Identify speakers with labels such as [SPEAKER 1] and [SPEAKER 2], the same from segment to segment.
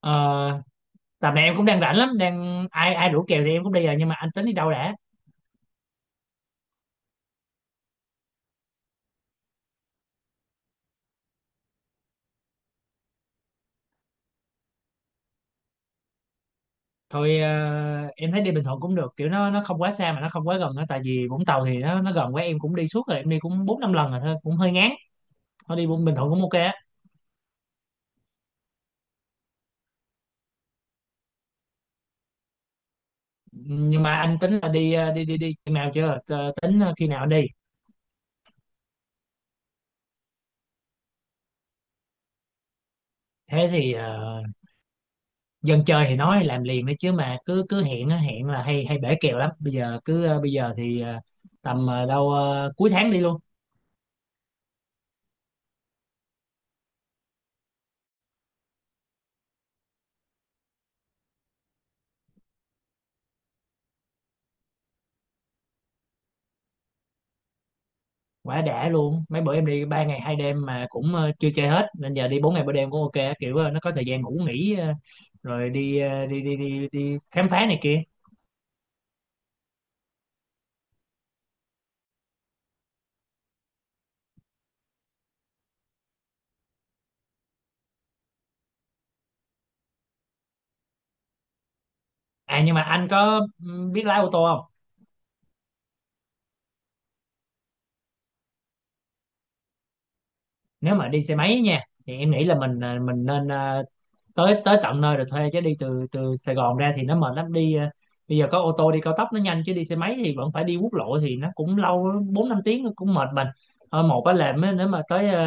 [SPEAKER 1] Ờ, tầm này em cũng đang rảnh lắm, đang ai ai rủ kèo thì em cũng đi rồi, nhưng mà anh tính đi đâu đã? Thôi, em thấy đi Bình Thuận cũng được, kiểu nó không quá xa mà nó không quá gần á. Tại vì Vũng Tàu thì nó gần quá, em cũng đi suốt rồi, em đi cũng bốn năm lần rồi, thôi cũng hơi ngán. Thôi đi Bình Thuận cũng ok á. Nhưng mà anh tính là đi khi nào chưa? Ờ, tính khi nào đi? Thế thì, dân chơi thì nói làm liền đấy chứ, mà cứ cứ hẹn á, hẹn là hay hay bể kèo lắm. Bây giờ cứ, ờ, bây giờ thì ờ, tầm ờ, đâu ờ, cuối tháng đi luôn. Quá đã luôn, mấy bữa em đi ba ngày hai đêm mà cũng chưa chơi hết, nên giờ đi bốn ngày ba đêm cũng ok á. Kiểu nó có thời gian ngủ nghỉ, rồi đi, ờ, đi đi đi đi khám phá này kia. À, nhưng mà anh có biết lái ô tô không? Nếu mà đi xe máy nha, thì em nghĩ là mình, mình nên tới tới tận nơi rồi thuê, chứ đi từ từ Sài Gòn ra thì nó mệt lắm. Đi bây giờ có ô tô đi cao tốc nó nhanh, chứ đi xe máy thì vẫn phải đi quốc lộ thì nó cũng lâu, bốn năm tiếng nó cũng mệt mình. Ờ, một á là nếu mà tới ờ,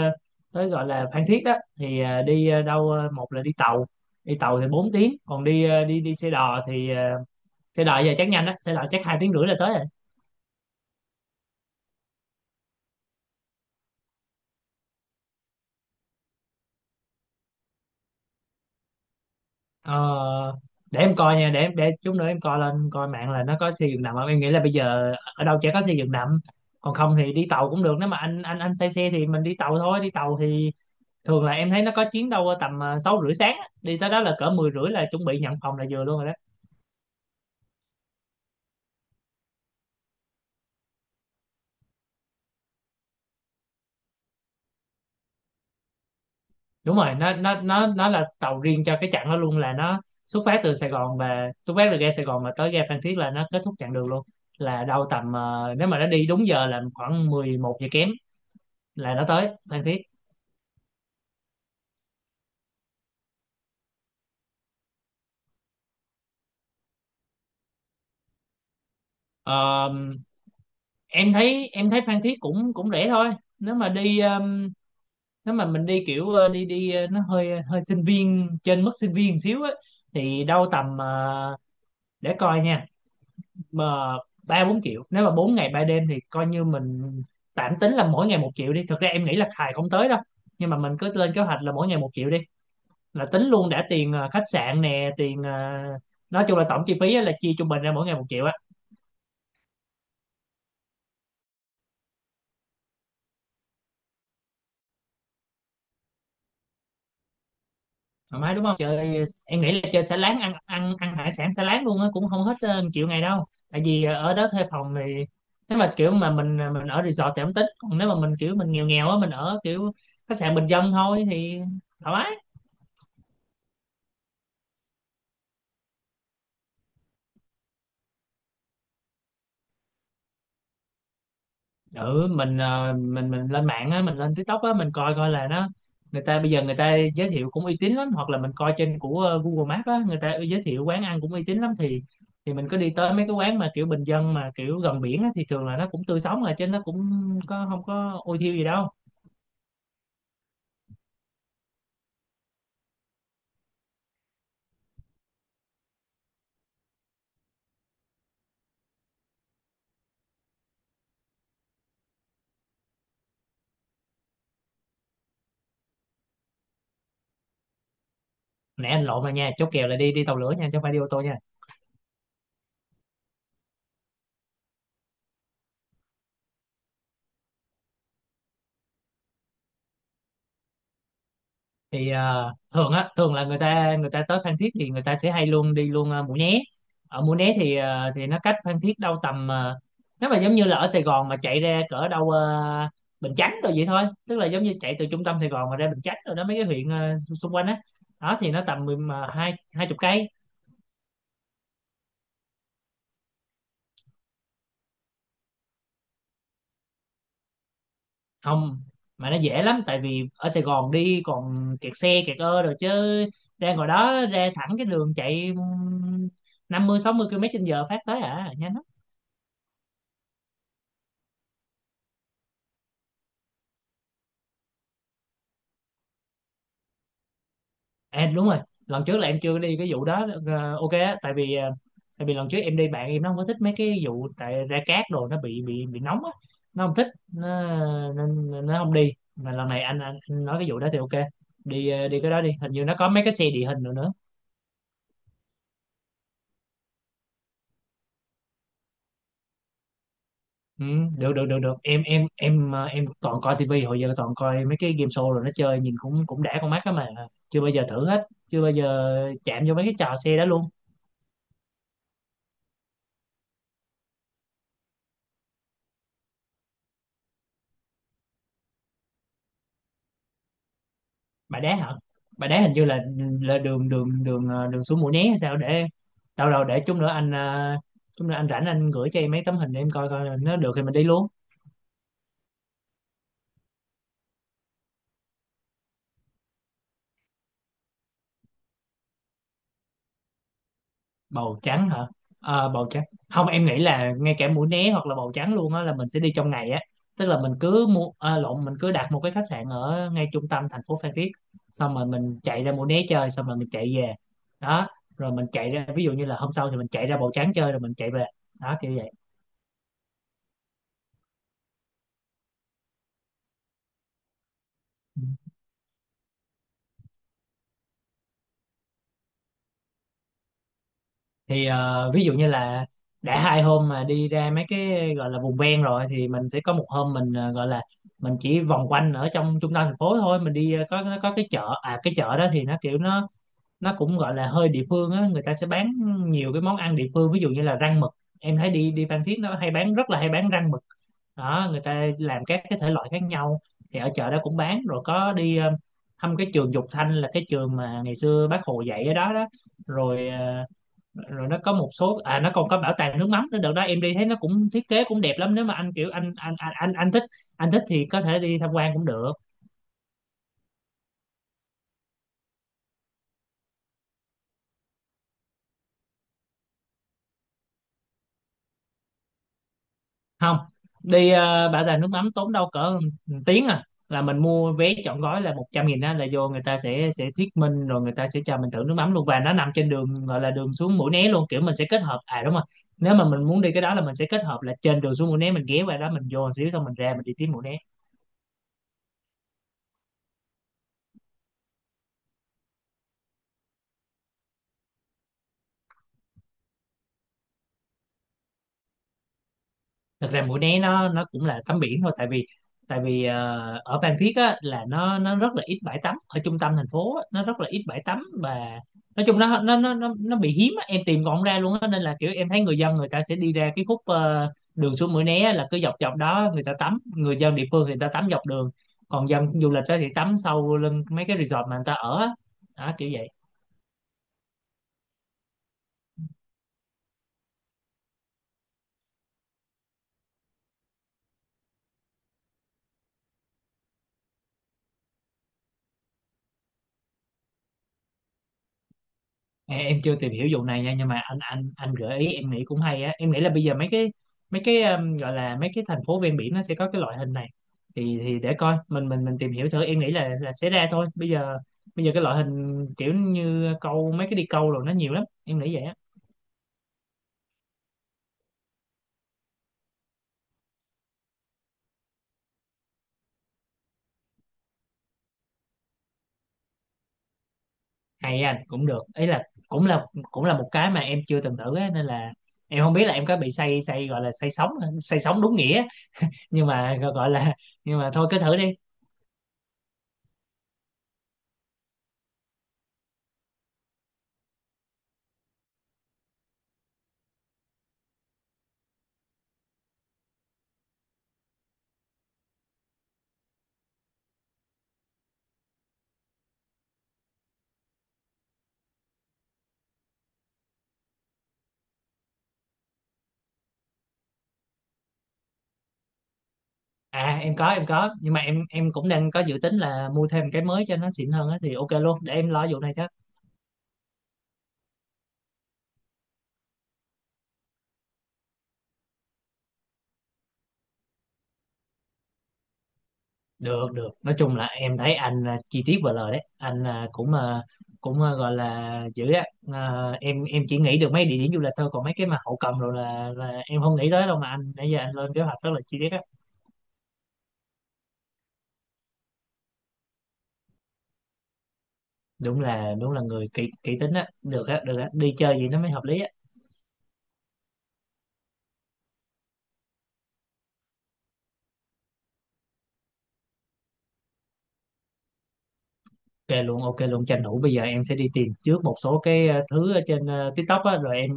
[SPEAKER 1] tới gọi là Phan Thiết đó, thì ờ, đi ờ, đâu ờ, một là đi tàu. Đi tàu thì 4 tiếng, còn đi, ờ, đi đi xe đò thì, xe đò giờ chắc nhanh á, xe đò chắc hai tiếng rưỡi là tới. Ờ, để em coi nha, để em, để chút nữa em coi lên coi mạng là nó có xây dựng nằm không. Em nghĩ là bây giờ ở đâu chả có xây dựng nằm. Còn không thì đi tàu cũng được, nếu mà anh anh say xe thì mình đi tàu thôi. Đi tàu thì thường là em thấy nó có chuyến đâu tầm sáu rưỡi sáng á. Đi tới đó là cỡ mười rưỡi là chuẩn bị nhận phòng là vừa luôn rồi đó. Đúng rồi, nó là tàu riêng cho cái chặng đó luôn, là nó xuất phát từ Sài Gòn, và xuất phát từ ga Sài Gòn mà tới ga Phan Thiết là nó kết thúc chặng đường luôn. Là đâu tầm nếu mà nó đi đúng giờ là khoảng 11 giờ kém là nó tới Phan Thiết. Ờ, em thấy Phan Thiết cũng cũng rẻ thôi. Nếu mà đi, nếu mà mình đi kiểu, ờ, đi đi ờ, nó hơi, hơi sinh viên, trên mức sinh viên xíu á, thì đâu tầm để coi nha, mà ba bốn triệu, nếu mà 4 ngày ba đêm thì coi như mình tạm tính là mỗi ngày một triệu đi. Thực ra em nghĩ là xài không tới đâu, nhưng mà mình cứ lên kế hoạch là mỗi ngày một triệu đi, là tính luôn đã tiền khách sạn nè, tiền nói chung là tổng chi phí á, là chia trung bình ra mỗi ngày một triệu á. Thoải mái đúng không? Chơi, em nghĩ là chơi xả láng, ăn ăn ăn hải sản xả láng luôn á cũng không hết triệu ngày đâu. Tại vì ở đó thuê phòng thì, nếu mà kiểu mà mình, mình ở resort thì không tính, còn nếu mà mình kiểu mình nghèo nghèo á, mình ở kiểu khách sạn bình dân thôi thì thoải mái. Ừ, mình, mình lên mạng á, mình lên TikTok á, mình coi coi là nó, người ta bây giờ người ta giới thiệu cũng uy tín lắm, hoặc là mình coi trên của Google Maps á, người ta giới thiệu quán ăn cũng uy tín lắm. Thì mình cứ đi tới mấy cái quán mà kiểu bình dân mà kiểu gần biển á, thì thường là nó cũng tươi sống rồi, chứ nó cũng có không có ôi thiêu gì đâu. Nè, anh lộn rồi nha, chốt kèo là đi, tàu lửa nha, chứ không phải đi ô tô nha. Thì thường á, thường là người ta tới Phan Thiết thì người ta sẽ hay luôn đi luôn Mũi Né. Ở Mũi Né thì, thì nó cách Phan Thiết đâu tầm nếu mà giống như là ở Sài Gòn mà chạy ra cỡ đâu Bình Chánh rồi vậy thôi. Tức là giống như chạy từ trung tâm Sài Gòn mà ra Bình Chánh rồi đó, mấy cái huyện xung quanh á đó. Thì nó tầm mười- mà hai hai chục cây. Không mà nó dễ lắm, tại vì ở Sài Gòn đi còn kẹt xe, kẹt ơ rồi chứ ra ngoài đó ra thẳng cái đường chạy, 50 60 km trên giờ phát tới, à nhanh lắm. À, đúng rồi, lần trước là em chưa đi cái vụ đó, ok á. Tại vì tại vì lần trước em đi bạn em nó không có thích mấy cái vụ, tại ra cát đồ nó bị bị nóng á, nó không thích. Nó nên nên nó không đi, mà lần này anh, anh nói cái vụ đó thì ok. Đi đi cái đó đi, hình như nó có mấy cái xe địa hình rồi nữa. Ừ, được được được được, em toàn coi tivi, hồi giờ toàn coi mấy cái game show rồi nó chơi nhìn cũng cũng đã con mắt á, mà chưa bao giờ thử hết, chưa bao giờ chạm vô mấy cái trò xe đó luôn. Bãi Đá hả? Bãi Đá hình như là đường đường đường ờ, đường xuống Mũi Né hay sao để, đâu đâu để chút nữa anh, chút nữa anh rảnh anh gửi cho em mấy tấm hình, để em coi coi là nó được thì mình đi luôn. Bầu trắng hả? Ờ, bầu trắng, không em nghĩ là ngay cả Mũi Né hoặc là bầu trắng luôn á là mình sẽ đi trong ngày á. Tức là mình cứ mua, à, lộn mình cứ đặt một cái khách sạn ở ngay trung tâm thành phố Phan Thiết, xong rồi mình chạy ra Mũi Né chơi xong rồi mình chạy về đó. Rồi mình chạy ra, ví dụ như là hôm sau thì mình chạy ra bầu trắng chơi rồi mình chạy về đó, kiểu vậy. Ừ. Thì ví dụ như là đã hai hôm mà đi ra mấy cái gọi là vùng ven rồi, thì mình sẽ có một hôm mình gọi là mình chỉ vòng quanh ở trong trung tâm thành phố thôi. Mình đi có nó có cái chợ, cái chợ đó thì nó kiểu nó cũng gọi là hơi địa phương á, người ta sẽ bán nhiều cái món ăn địa phương, ví dụ như là rang mực. Em thấy đi, Phan Thiết nó hay bán, rất là hay bán rang mực đó. Người ta làm các cái thể loại khác nhau, thì ở chợ đó cũng bán. Rồi có đi thăm cái trường Dục Thanh, là cái trường mà ngày xưa bác Hồ dạy ở đó đó. Rồi, ờ, rồi nó có một số, nó còn có bảo tàng nước mắm nữa. Đợt đó em đi thấy nó cũng thiết kế cũng đẹp lắm, nếu mà anh kiểu anh anh thích, anh thích thì có thể đi tham quan cũng được. Không, đi bảo tàng nước mắm tốn đâu cỡ một tiếng à, là mình mua vé trọn gói là 100 nghìn đó, là vô người ta sẽ thuyết minh, rồi người ta sẽ cho mình thử nước mắm luôn. Và nó nằm trên đường gọi là đường xuống Mũi Né luôn, kiểu mình sẽ kết hợp, à đúng rồi, nếu mà mình muốn đi cái đó là mình sẽ kết hợp là trên đường xuống Mũi Né mình ghé qua đó, mình vô một xíu xong mình ra mình đi tiếp Mũi Né. Thật ra Mũi Né nó cũng là tắm biển thôi. Tại vì ở Phan Thiết á, là nó rất là ít bãi tắm ở trung tâm thành phố á, nó rất là ít bãi tắm. Và nói chung nó bị hiếm á, em tìm còn không ra luôn á. Nên là kiểu em thấy người dân người ta sẽ đi ra cái khúc đường xuống Mũi Né á, là cứ dọc dọc đó người ta tắm, người dân địa phương thì người ta tắm dọc đường. Còn dân du lịch á thì tắm sâu lưng mấy cái resort mà người ta ở á. Đó, kiểu vậy. Ê, em chưa tìm hiểu vụ này nha, nhưng mà anh anh gợi ý em nghĩ cũng hay á. Em nghĩ là bây giờ mấy cái, gọi là mấy cái thành phố ven biển nó sẽ có cái loại hình này, thì để coi, mình mình tìm hiểu thử, em nghĩ là sẽ ra thôi. Bây giờ cái loại hình kiểu như câu, mấy cái đi câu rồi nó nhiều lắm, em nghĩ vậy á. Hay, anh cũng được ý, là cũng là một cái mà em chưa từng thử á, nên là em không biết là em có bị say say gọi là say sóng, say sóng đúng nghĩa, nhưng mà gọi là, nhưng mà thôi cứ thử đi. À, em có, nhưng mà em, cũng đang có dự tính là mua thêm cái mới cho nó xịn hơn á, thì ok luôn, để em lo vụ này chứ. Được được. Nói chung là em thấy anh là chi tiết và lời đấy. Anh là cũng gọi là dữ á. Ờ, em chỉ nghĩ được mấy địa điểm du lịch thôi, còn mấy cái mà hậu cần rồi là em không nghĩ tới đâu, mà anh nãy giờ anh lên kế hoạch rất là chi tiết á. Đúng là, người kỹ kỹ tính á. Được á, được á. Đi chơi gì nó mới hợp lý á. Ok luôn, ok luôn, tranh thủ bây giờ em sẽ đi tìm trước một số cái thứ ở trên TikTok á, rồi em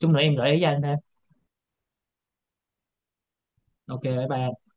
[SPEAKER 1] chút nữa em gợi ý cho anh ha. Ok, bye bye.